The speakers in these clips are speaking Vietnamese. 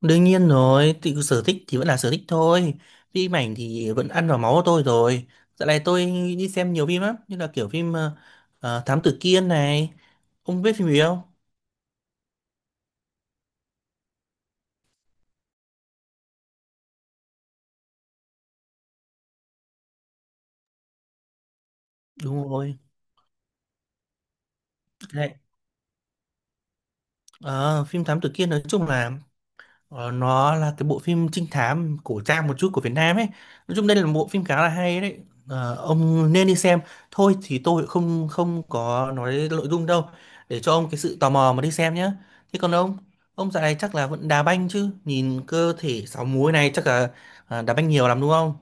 Đương nhiên rồi, thì sở thích thì vẫn là sở thích thôi. Phim ảnh thì vẫn ăn vào máu của tôi rồi. Dạo này tôi đi xem nhiều phim lắm, như là kiểu phim Thám Tử Kiên này. Ông biết phim gì không? Đúng rồi. Đấy. Ờ, phim Thám Tử Kiên nói chung là, ờ, nó là cái bộ phim trinh thám cổ trang một chút của Việt Nam ấy. Nói chung đây là một bộ phim khá là hay đấy. Ông nên đi xem. Thôi thì tôi không không có nói nội dung đâu. Để cho ông cái sự tò mò mà đi xem nhé. Thế còn ông dạo này chắc là vẫn đá banh chứ. Nhìn cơ thể sáu múi này chắc là đá banh nhiều lắm đúng không?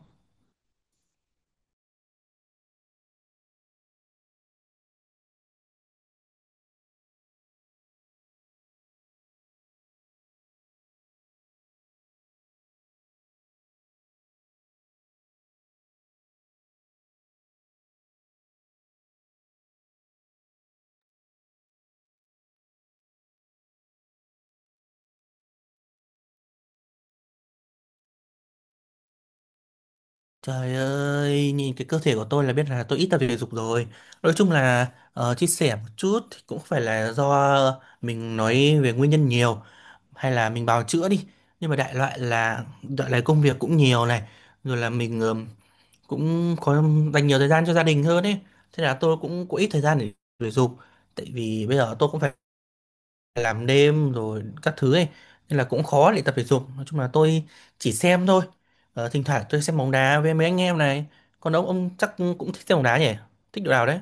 Trời ơi, nhìn cái cơ thể của tôi là biết là tôi ít tập thể dục rồi. Nói chung là, chia sẻ một chút thì cũng phải là do mình nói về nguyên nhân nhiều, hay là mình bào chữa đi, nhưng mà đại loại là đại loại công việc cũng nhiều này, rồi là mình cũng có dành nhiều thời gian cho gia đình hơn ấy. Thế là tôi cũng có ít thời gian để thể dục, tại vì bây giờ tôi cũng phải làm đêm rồi các thứ ấy, nên là cũng khó để tập thể dục. Nói chung là tôi chỉ xem thôi. Ờ, thỉnh thoảng tôi xem bóng đá với mấy anh em này, còn ông chắc cũng thích xem bóng đá nhỉ, thích đội nào đấy.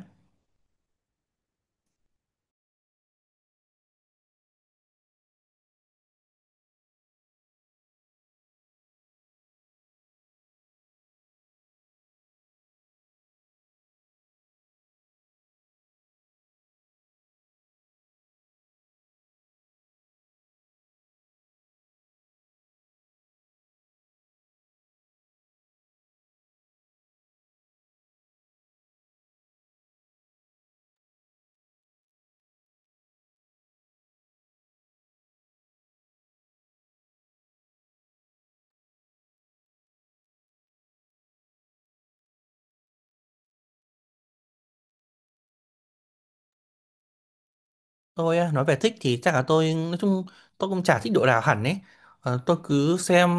Tôi á, nói về thích thì chắc là tôi nói chung tôi cũng chả thích đội nào hẳn ấy. Ờ, tôi cứ xem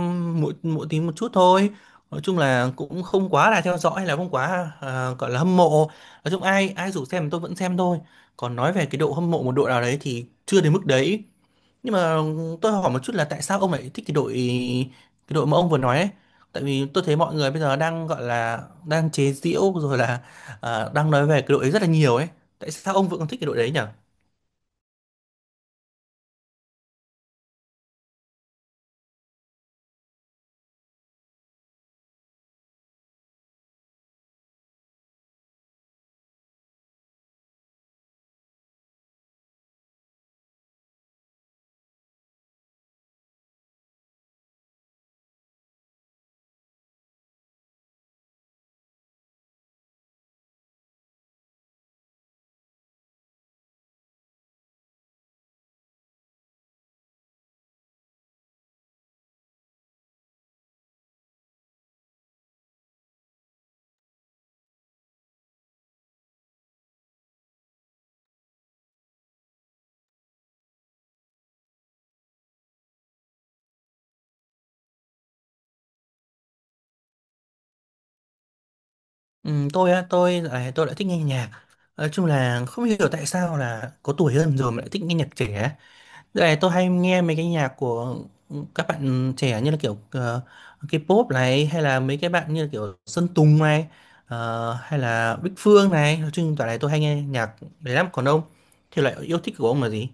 mỗi mỗi tí một chút thôi. Nói chung là cũng không quá là theo dõi hay là không quá, gọi là hâm mộ. Nói chung ai ai rủ xem tôi vẫn xem thôi. Còn nói về cái độ hâm mộ một đội nào đấy thì chưa đến mức đấy. Nhưng mà tôi hỏi một chút là tại sao ông lại thích cái đội, cái đội mà ông vừa nói ấy? Tại vì tôi thấy mọi người bây giờ đang gọi là đang chế giễu rồi, là đang nói về cái đội ấy rất là nhiều ấy. Tại sao ông vẫn còn thích cái đội đấy nhỉ? Ừ, tôi á, tôi lại thích nghe nhạc. Nói chung là không hiểu tại sao là có tuổi hơn rồi mà lại thích nghe nhạc trẻ. Đây này, tôi hay nghe mấy cái nhạc của các bạn trẻ như là kiểu, K-pop này, hay là mấy cái bạn như là kiểu Sơn Tùng này, hay là Bích Phương này. Nói chung toàn này tôi hay nghe nhạc đấy lắm. Còn ông thì lại, yêu thích của ông là gì?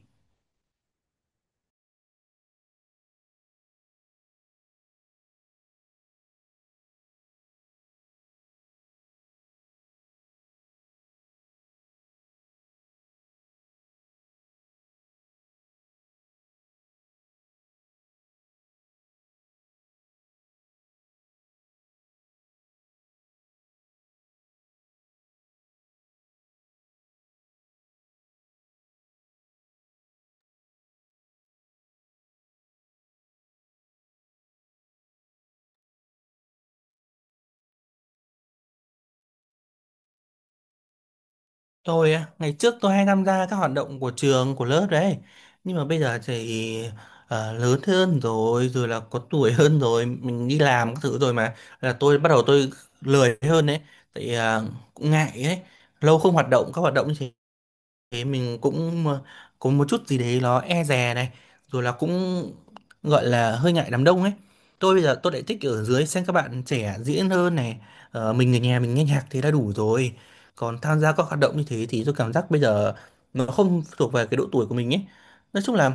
Tôi á, ngày trước tôi hay tham gia các hoạt động của trường, của lớp đấy. Nhưng mà bây giờ thì, lớn hơn rồi, rồi là có tuổi hơn rồi, mình đi làm các thứ rồi mà. Là tôi bắt đầu tôi lười hơn đấy. Tại ờ, cũng ngại ấy. Lâu không hoạt động, các hoạt động như thế thế mình cũng, có một chút gì đấy nó e dè này, rồi là cũng gọi là hơi ngại đám đông ấy. Tôi bây giờ tôi lại thích ở dưới xem các bạn trẻ diễn hơn này. Mình ở nhà mình nghe nhạc thế đã đủ rồi. Còn tham gia các hoạt động như thế thì tôi cảm giác bây giờ nó không thuộc về cái độ tuổi của mình ấy. Nói chung là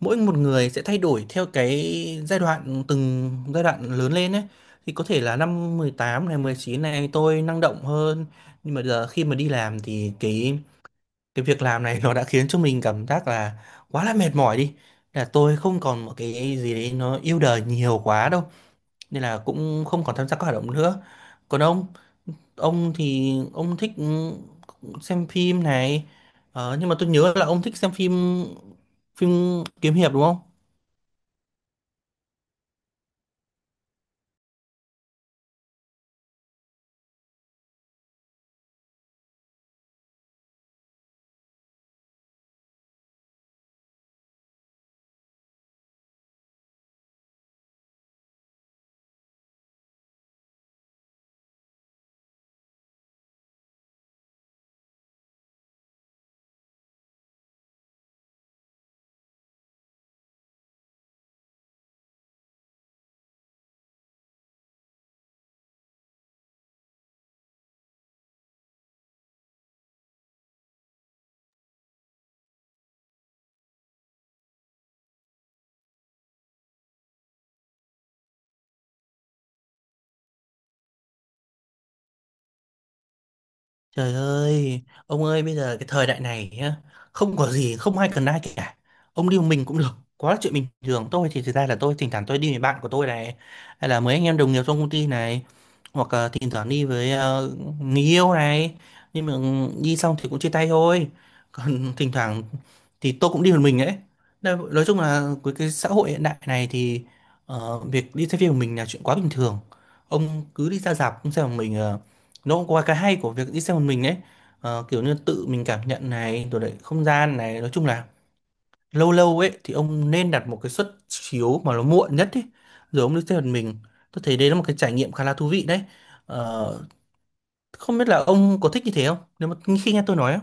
mỗi một người sẽ thay đổi theo cái giai đoạn, từng giai đoạn lớn lên ấy. Thì có thể là năm 18 này, 19 này, tôi năng động hơn, nhưng mà giờ khi mà đi làm thì cái việc làm này nó đã khiến cho mình cảm giác là quá là mệt mỏi đi, là tôi không còn một cái gì đấy nó yêu đời nhiều quá đâu, nên là cũng không còn tham gia các hoạt động nữa. Còn ông thì ông thích, xem phim này, nhưng mà tôi nhớ là ông thích xem phim, phim kiếm hiệp đúng không? Trời ơi, ông ơi bây giờ cái thời đại này nhá, không có gì, không ai cần ai cả. Ông đi một mình cũng được, quá là chuyện bình thường. Tôi thì thực ra là tôi thỉnh thoảng tôi đi với bạn của tôi này, hay là mấy anh em đồng nghiệp trong công ty này, hoặc là thỉnh thoảng đi với, người yêu này. Nhưng mà ừ, đi xong thì cũng chia tay thôi. Còn thỉnh thoảng thì tôi cũng đi một mình ấy. Nói chung là với cái xã hội hiện đại này thì, việc đi xem phim một mình là chuyện quá bình thường. Ông cứ đi ra rạp cũng xem một mình, nó cũng có cái hay của việc đi xem một mình ấy. Ờ, kiểu như tự mình cảm nhận này, rồi lại không gian này. Nói chung là lâu lâu ấy thì ông nên đặt một cái suất chiếu mà nó muộn nhất ấy, rồi ông đi xem một mình. Tôi thấy đấy là một cái trải nghiệm khá là thú vị đấy. Ờ, không biết là ông có thích như thế không, nếu mà khi nghe tôi nói á,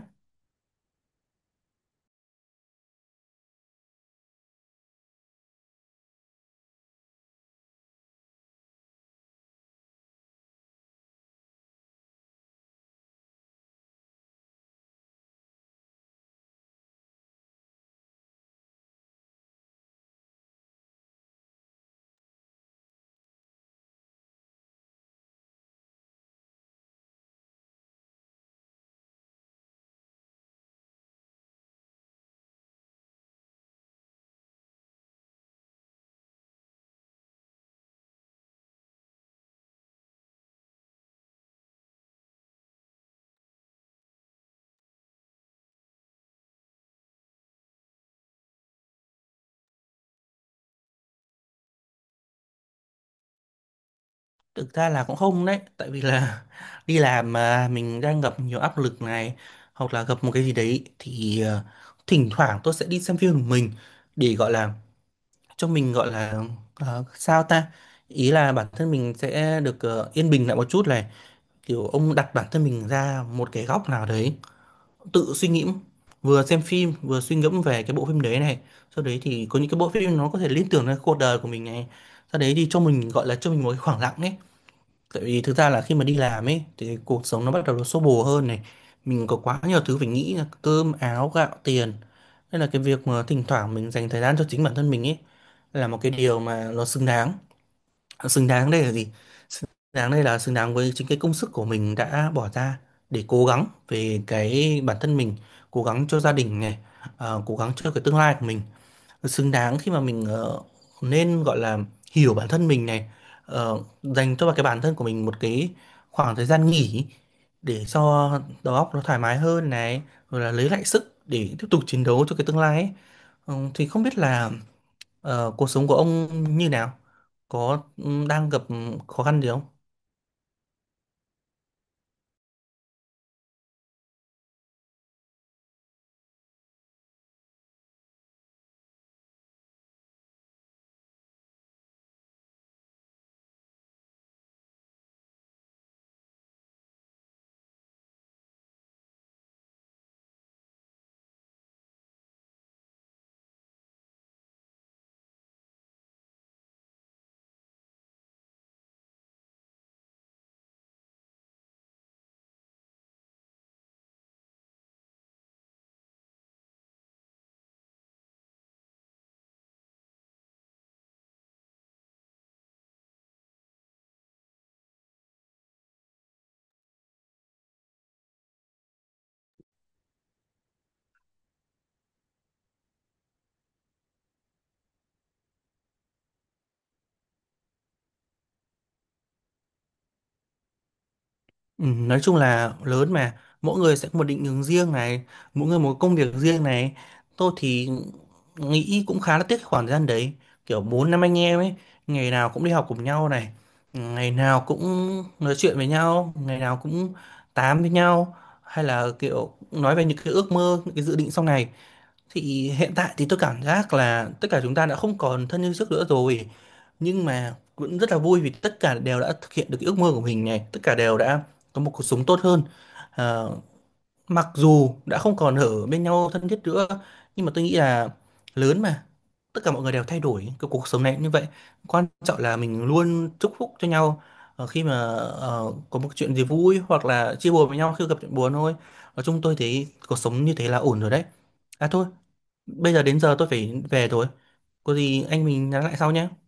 thực ra là cũng không đấy, tại vì là đi làm mà mình đang gặp nhiều áp lực này, hoặc là gặp một cái gì đấy thì, thỉnh thoảng tôi sẽ đi xem phim một mình, để gọi là cho mình, gọi là, sao ta, ý là bản thân mình sẽ được, yên bình lại một chút này, kiểu ông đặt bản thân mình ra một cái góc nào đấy tự suy nghĩ, vừa xem phim vừa suy ngẫm về cái bộ phim đấy này, sau đấy thì có những cái bộ phim nó có thể liên tưởng đến cuộc đời của mình này, sau đấy thì cho mình gọi là cho mình một cái khoảng lặng ấy, tại vì thực ra là khi mà đi làm ấy thì cuộc sống nó bắt đầu nó xô bồ hơn này, mình có quá nhiều thứ phải nghĩ là cơm áo gạo tiền, nên là cái việc mà thỉnh thoảng mình dành thời gian cho chính bản thân mình ấy là một cái điều mà nó xứng đáng. Xứng đáng đây là gì? Xứng đáng đây là xứng đáng với chính cái công sức của mình đã bỏ ra để cố gắng về cái bản thân mình, cố gắng cho gia đình này, cố gắng cho cái tương lai của mình. Xứng đáng khi mà mình, nên gọi là hiểu bản thân mình này, dành cho cái bản thân của mình một cái khoảng thời gian nghỉ, để cho đầu óc nó thoải mái hơn này, rồi là lấy lại sức để tiếp tục chiến đấu cho cái tương lai ấy. Ừ, thì không biết là, cuộc sống của ông như nào? Có ừ, đang gặp ừ, khó khăn gì không? Ừ, nói chung là lớn mà, mỗi người sẽ có một định hướng riêng này, mỗi người một công việc riêng này. Tôi thì nghĩ cũng khá là tiếc cái khoảng thời gian đấy, kiểu bốn năm anh em ấy, ngày nào cũng đi học cùng nhau này, ngày nào cũng nói chuyện với nhau, ngày nào cũng tám với nhau, hay là kiểu nói về những cái ước mơ, những cái dự định sau này. Thì hiện tại thì tôi cảm giác là tất cả chúng ta đã không còn thân như trước nữa rồi, nhưng mà cũng rất là vui vì tất cả đều đã thực hiện được cái ước mơ của mình này, tất cả đều đã có một cuộc sống tốt hơn. Ờ, mặc dù đã không còn ở bên nhau thân thiết nữa, nhưng mà tôi nghĩ là lớn mà, tất cả mọi người đều thay đổi, cái cuộc sống này cũng như vậy. Quan trọng là mình luôn chúc phúc cho nhau, khi mà, có một chuyện gì vui, hoặc là chia buồn với nhau khi gặp chuyện buồn thôi. Nói chung tôi thấy cuộc sống như thế là ổn rồi đấy. À thôi, bây giờ đến giờ tôi phải về rồi. Có gì anh mình nhắn lại sau nhé.